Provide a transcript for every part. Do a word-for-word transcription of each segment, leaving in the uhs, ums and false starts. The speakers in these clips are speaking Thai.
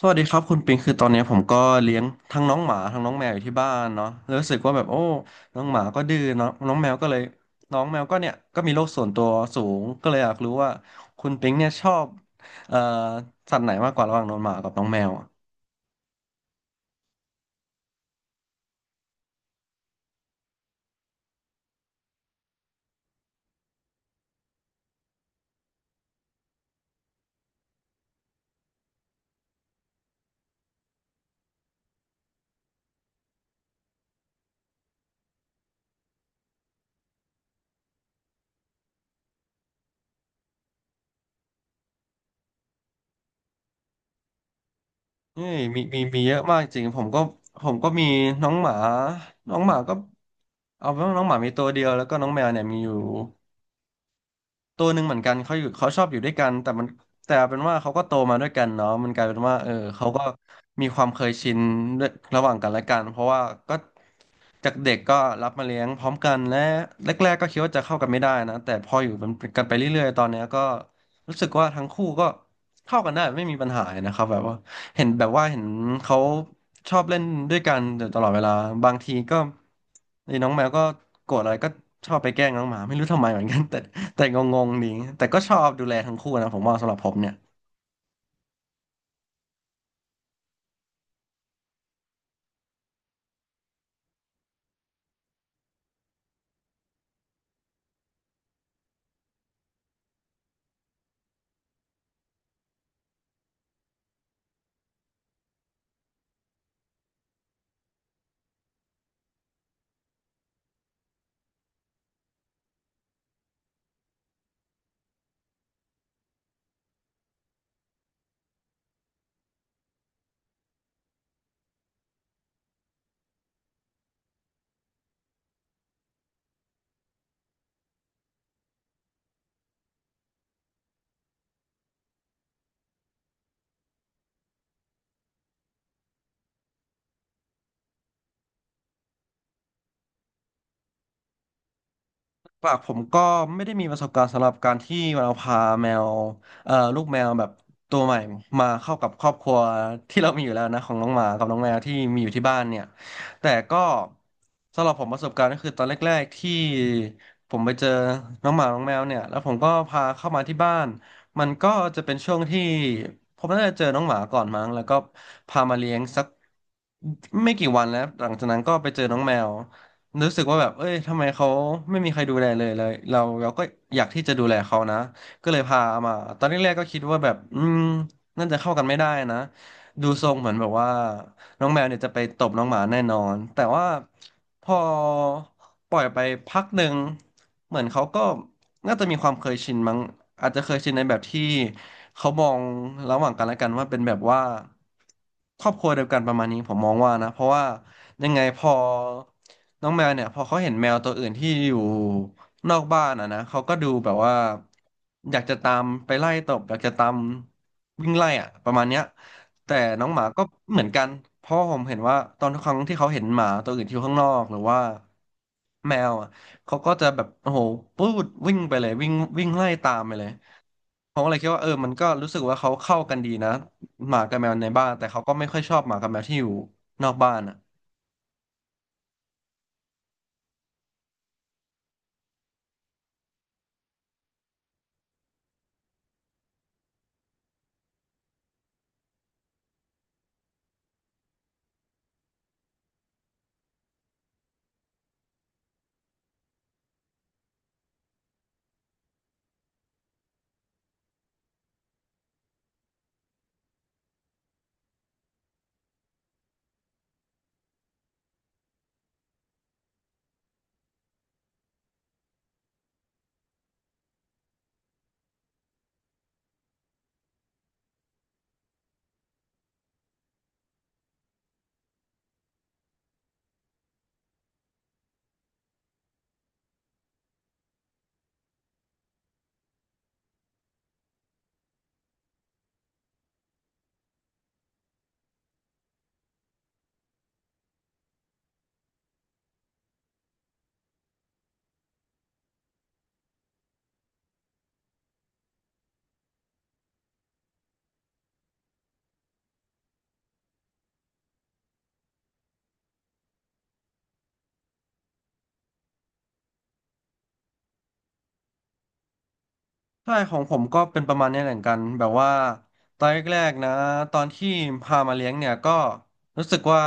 สวัสดีครับคุณปิงคือตอนเนี้ยผมก็เลี้ยงทั้งน้องหมาทั้งน้องแมวอยู่ที่บ้านเนาะแล้วรู้สึกว่าแบบโอ้น้องหมาก็ดื้อเนาะน้องแมวก็เลยน้องแมวก็เนี่ยก็มีโรคส่วนตัวสูงก็เลยอยากรู้ว่าคุณปิงเนี่ยชอบเอ่อสัตว์ไหนมากกว่าระหว่างน้องหมากับน้องแมวอะเฮ้ยมีมีมีเยอะมากจริงผมก็ผมก็มีน้องหมาน้องหมาก็เอาเป็นว่าน้องหมามีตัวเดียวแล้วก็น้องแมวเนี่ยมีอยู่ ตัวหนึ่งเหมือนกันเขาอยู่เขาชอบอยู่ด้วยกันแต่มันแต่เป็นว่าเขาก็โตมาด้วยกันเนาะมันกลายเป็นว่าเออเขาก็มีความเคยชินด้วยระหว่างกันและกันเพราะว่าก็จากเด็กก็รับมาเลี้ยงพร้อมกันและแรกๆก็คิดว่าจะเข้ากันไม่ได้นะแต่พออยู่เป็นกันไปเรื่อยๆตอนเนี้ยก็รู้สึกว่าทั้งคู่ก็เข้ากันได้ไม่มีปัญหาเลยนะครับแบบว่าเห็นแบบว่าเห็นเขาชอบเล่นด้วยกันอยู่ตลอดเวลาบางทีก็ไอ้น้องแมวก็โกรธอะไรก็ชอบไปแกล้งน้องหมาไม่รู้ทำไมเหมือนกันแต่ แต่งงๆดีแต่ก็ชอบดูแลทั้งคู่นะผมว่าสำหรับผมเนี่ย ปากผมก็ไม่ได้มีประสบการณ์สำหรับการที่เราพาแมวเอ่อลูกแมวแบบตัวใหม่มาเข้ากับครอบครัวที่เรามีอยู่แล้วนะของน้องหมากับน้องแมวที่มีอยู่ที่บ้านเนี่ยแต่ก็สำหรับผมประสบการณ์ก็คือตอนแรกๆที่ผมไปเจอน้องหมาน้องแมวเนี่ยแล้วผมก็พาเข้ามาที่บ้านมันก็จะเป็นช่วงที่ผมน่าจะเจอน้องหมาก่อนมั้งแล้วก็พามาเลี้ยงสักไม่กี่วันแล้วหลังจากนั้นก็ไปเจอน้องแมว รู้สึกว่าแบบ เอ้ยทำไมเขาไม่มีใครดูแลเลยเลยเราเราก็อยากที่จะดูแลเขานะ ก็เลยพามา ตอนแรกๆก็คิดว่าแบบ อืมน่าจะเข้ากันไม่ได้นะ ดูทรงเหมือนแบบว่า น้องแมวเนี่ยจะไปตบน้องหมาแน่นอน แต่ว่าพอปล่อยไปพักหนึ่งเหมือนเขาก็น่าจะมีความเคยชินมั้งอาจจะเคยชินในแบบที่เขามองระหว่างกันและกันว่าเป็นแบบว่าครอบครัวเดียวกันประมาณนี้ผมมองว่านะเพราะว่ายังไงพอน้องแมวเนี่ยพอเขาเห็นแมวตัวอื่นที่อยู่นอกบ้านอ่ะนะเขาก็ดูแบบว่าอยากจะตามไปไล่ตบอยากจะตามวิ่งไล่อ่ะประมาณเนี้ย แต่น้องหมาก็เหมือนกันเพราะ่ผมเห็นว่าตอนทุกครั้งที่เขาเห็นหมาตัวอื่นที่อยู่ข้างนอกหรือว่าแมวอ่ะเขาก็จะแบบโอ้โหปูดวิ่งไปเลยวิ่งวิ่งไล่ตามไปเลยผมก็เลยคิดว่าเออมันก็รู้สึกว่าเขาเข้ากันดีนะหมากับแมวในบ้านแต่เขาก็ไม่ค่อยชอบหมากับแมวที่อยู่นอกบ้านอ่ะ ใช่ของผมก็เป็นประมาณนี้เหมือนกันแบบว่าตอนแรกๆนะตอนที่พามาเลี้ยงเนี่ยก็รู้สึกว่า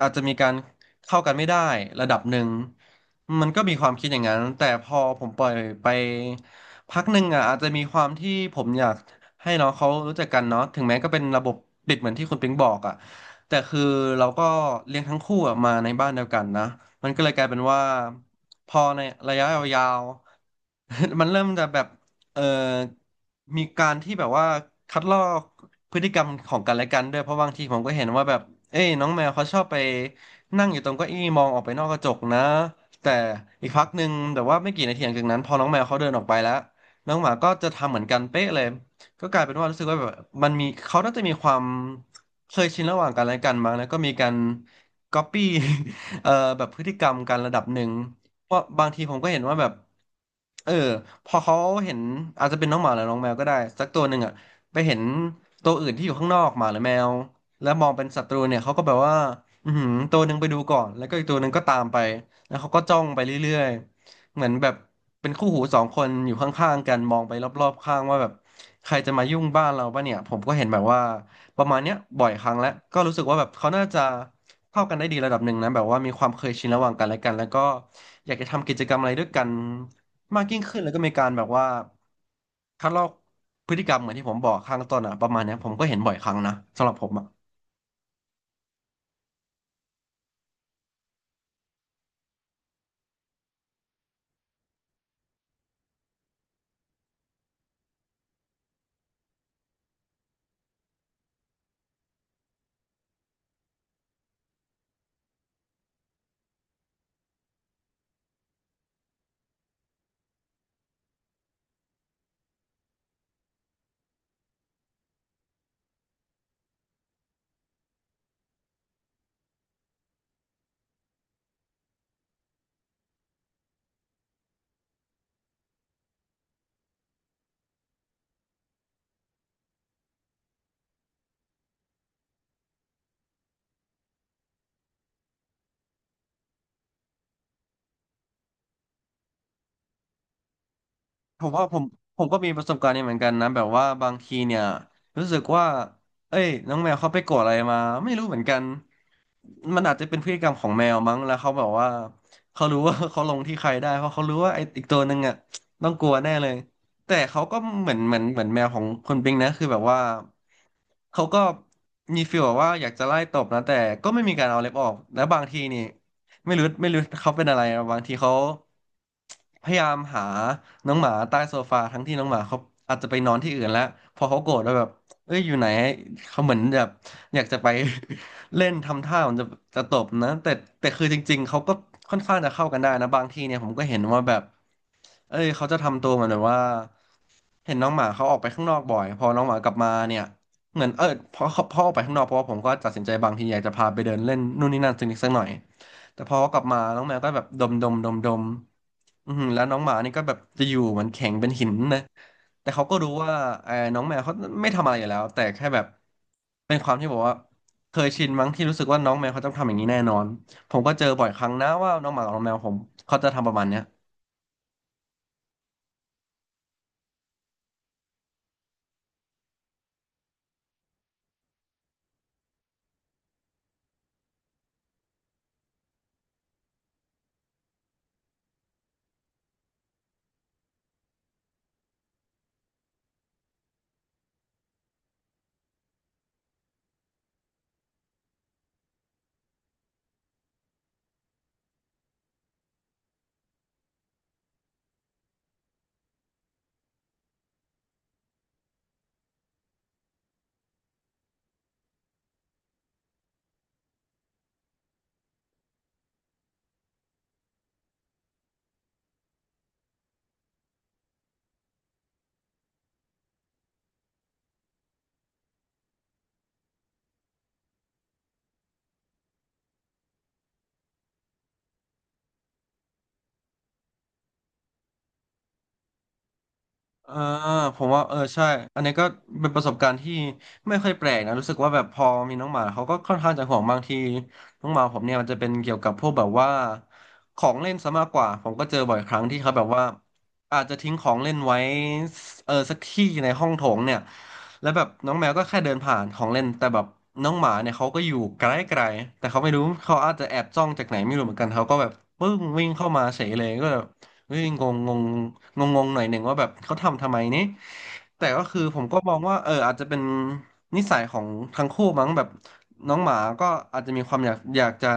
อาจจะมีการเข้ากันไม่ได้ระดับหนึ่งมันก็มีความคิดอย่างนั้นแต่พอผมปล่อยไปพักหนึ่งอ่ะอาจจะมีความที่ผมอยากให้น้องเขารู้จักกันเนาะถึงแม้ก็เป็นระบบปิดเหมือนที่คุณปิงบอกอ่ะแต่คือเราก็เลี้ยงทั้งคู่อะมาในบ้านเดียวกันนะมันก็เลยกลายเป็นว่าพอในระยะยาวๆ มันเริ่มจะแบบ เอ่อมีการที่แบบว่าคัดลอกพฤติกรรมของกันและกันด้วยเพราะบางทีผมก็เห็นว่าแบบเอ้ยน้องแมวเขาชอบไปนั่งอยู่ตรงเก้าอี้มองออกไปนอกกระจกนะแต่อีกพักหนึ่งแต่ว่าไม่กี่นาทีหลังจากนั้นพอน้องแมวเขาเดินออกไปแล้วน้องหมาก็จะทำเหมือนกันเป๊ะเลยก็กลายเป็นว่ารู้สึกว่าแบบมันมีเขาน่าจะมีความเคยชินระหว่างกันและกันมั้งแล้วก็มีการก๊อปปี้ เอ่อแบบพฤติกรรมกันระดับหนึ่ง เพราะบางทีผมก็เห็นว่าแบบเออพอเขาเห็นอาจจะเป็นน้องหมาหรือน้องแมวก็ได้สักตัวหนึ่งอ่ะไปเห็นตัวอื่นที่อยู่ข้างนอกหมาหรือแมวแล้วมองเป็นศัตรูเนี่ยเขาก็แบบว่าอือหือตัวหนึ่งไปดูก่อนแล้วก็อีกตัวหนึ่งก็ตามไปแล้วเขาก็จ้องไปเรื่อยๆเหมือนแบบเป็นคู่หูสองคนอยู่ข้างๆกันมองไปรอบๆข้างว่าแบบใครจะมายุ่งบ้านเราปะเนี่ยผมก็เห็นแบบว่า ประมาณเนี้ยบ่อยครั้งแล้วก็รู้สึกว่าแบบเขาน่าจะเข้ากันได้ดีระดับหนึ่งนะแบบว่ามีความเคยชินระหว่างกันและกันแล้วก็อยากจะทำกิจกรรมอะไรด้วยกันมากยิ่งขึ้นแล้วก็มีการแบบว่าคัดลอกพฤติกรรมเหมือนที่ผมบอกข้างต้นอะประมาณเนี้ยผมก็เห็นบ่อยครั้งนะสำหรับผมอะ ผมว่าผมผมก็มีประสบการณ์นี้เหมือนกันนะแบบว่าบางทีเนี่ยรู้สึกว่าเอ้ยน้องแมวเขาไปโกรธอะไรมาไม่รู้เหมือนกันมันอาจจะเป็นพฤติกรรมของแมวมั้งแล้วเขาแบบว่าเขารู้ว่า เขาลงที่ใครได้เพราะเขารู้ว่าไอ้อีกตัวหนึ่งอ่ะต้องกลัวแน่เลยแต่เขาก็เหมือนเหมือนเหมือนแมวของคนปิงนะคือแบบว่าเขาก็มีฟีลแบบว่าอยากจะไล่ตบนะแต่ก็ไม่มีการเอาเล็บออกแล้วบางทีนี่ ไม่รู้ไม่รู้เขาเป็นอะไรอะบางทีเขาพยายามหาน้องหมาใต้โซฟาทั้งที่น้องหมาเขาอาจจะไปนอนที่อื่นแล้วพอเขาโกรธแล้วแบบเอ้ยอยู่ไหนเขาเหมือนแบบอยากจะไป เล่นทำท่าเหมันจะจะตบนะแต่แต่คือจริงๆเขาก็ค่อนข้างจะเข้ากันได้นะบางทีเนี่ยผมก็เห็นว่าแบบเอ้ยเขาจะทำตัวเหมือนแบบว่าเห็นน้องหมาเขาออกไปข้างนอกบ่อยพอน้องหมากลับมาเนี่ยเหมือนเออพอเขาพอออกไปข้างนอกเพราะว่าผมก็ตัดสินใจบางทีอยากจะพาไปเดินเล่นนู่นนี่นั่นสักนิดสักหน่อย แต่พอกลับมาน้องแมวก็แบบดมดมดมดมอือหือแล้วน้องหมานี่ก็แบบจะอยู่เหมือนแข็งเป็นหินนะแต่เขาก็รู้ว่าเออน้องแมวเขาไม่ทำอะไรอยู่แล้วแต่แค่แบบเป็นความที่บอกว่าเคยชินมั้งที่รู้สึกว่าน้องแมวเขาต้องทำอย่างนี้แน่นอนผมก็เจอบ่อยครั้งนะว่าน้องหมากับน้องแมวผมเขาจะทำประมาณเนี้ย เออผมว่าเออใช่อันนี้ก็เป็นประสบการณ์ที่ไม่ค่อยแปลกนะรู้สึกว่าแบบพอมีน้องหมาเขาก็ค่อนข้างจะห่วงบางทีน้องหมาผมเนี่ยมันจะเป็นเกี่ยวกับพวกแบบว่าของเล่นซะมากกว่าผมก็เจอบ่อยครั้งที่เขาแบบว่าอาจจะทิ้งของเล่นไว้เออสักที่ในห้องโถงเนี่ยแล้วแบบน้องแมวก็แค่เดินผ่านของเล่นแต่แบบน้องหมาเนี่ยเขาก็อยู่ไกลๆแต่เขาไม่รู้เขาอาจจะแอบจ้องจากไหนไม่รู้เหมือนกันเขาก็แบบปึ้งวิ่งเข้ามาเฉยเลยก็แบบ เฮ้ยงงงงงงงงหน่อยหนึ่งว่าแบบเขาทำทำไมนี่แต่ก็คือผมก็มองว่าเอออาจจะเป็นนิสัยของทั้งคู่มั้งแบบน้องหมาก็อาจจะมีความอยากอยากจะ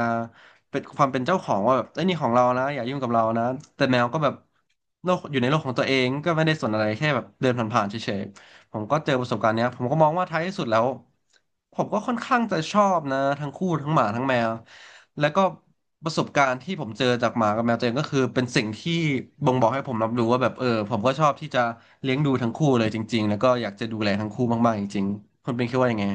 เป็นความเป็นเจ้าของว่าแบบไอ้ยนี่ของเรานะอย่ายุ่งกับเรานะแต่แมวก็แบบโลกอยู่ในโลกของตัวเองก็ไม่ได้สนอะไรแค่แบบเดินผ่านๆเฉยๆ ผมก็เจอประสบการณ์เนี้ยผมก็มองว่าท้ายที่สุดแล้วผมก็ค่อนข้างจะชอบนะทั้งคู่ทั้งหมาทั้งแมวแล้วก็ประสบการณ์ที่ผมเจอจากหมากับแมวตัวเองก็คือเป็นสิ่งที่บ่งบอกให้ผมรับรู้ว่าแบบเออผมก็ชอบที่จะเลี้ยงดูทั้งคู่เลยจริงๆแล้วก็อยากจะดูแลทั้งคู่มากๆจริงๆคุณเป็นคิดว่ายังไง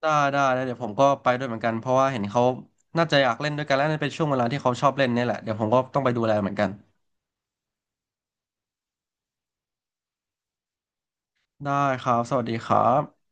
ได้ได้แล้วเดี๋ยวผมก็ไปด้วยเหมือนกันเพราะว่าเห็นเขาน่าจะอยากเล่นด้วยกันแล้วน่าเป็นช่วงเวลาที่เขาชอบเล่นเนี่ยแหละเดี๋ยวผมก็ต้องไปดูแลเหมือนกันได้ครับสวัสดีครับ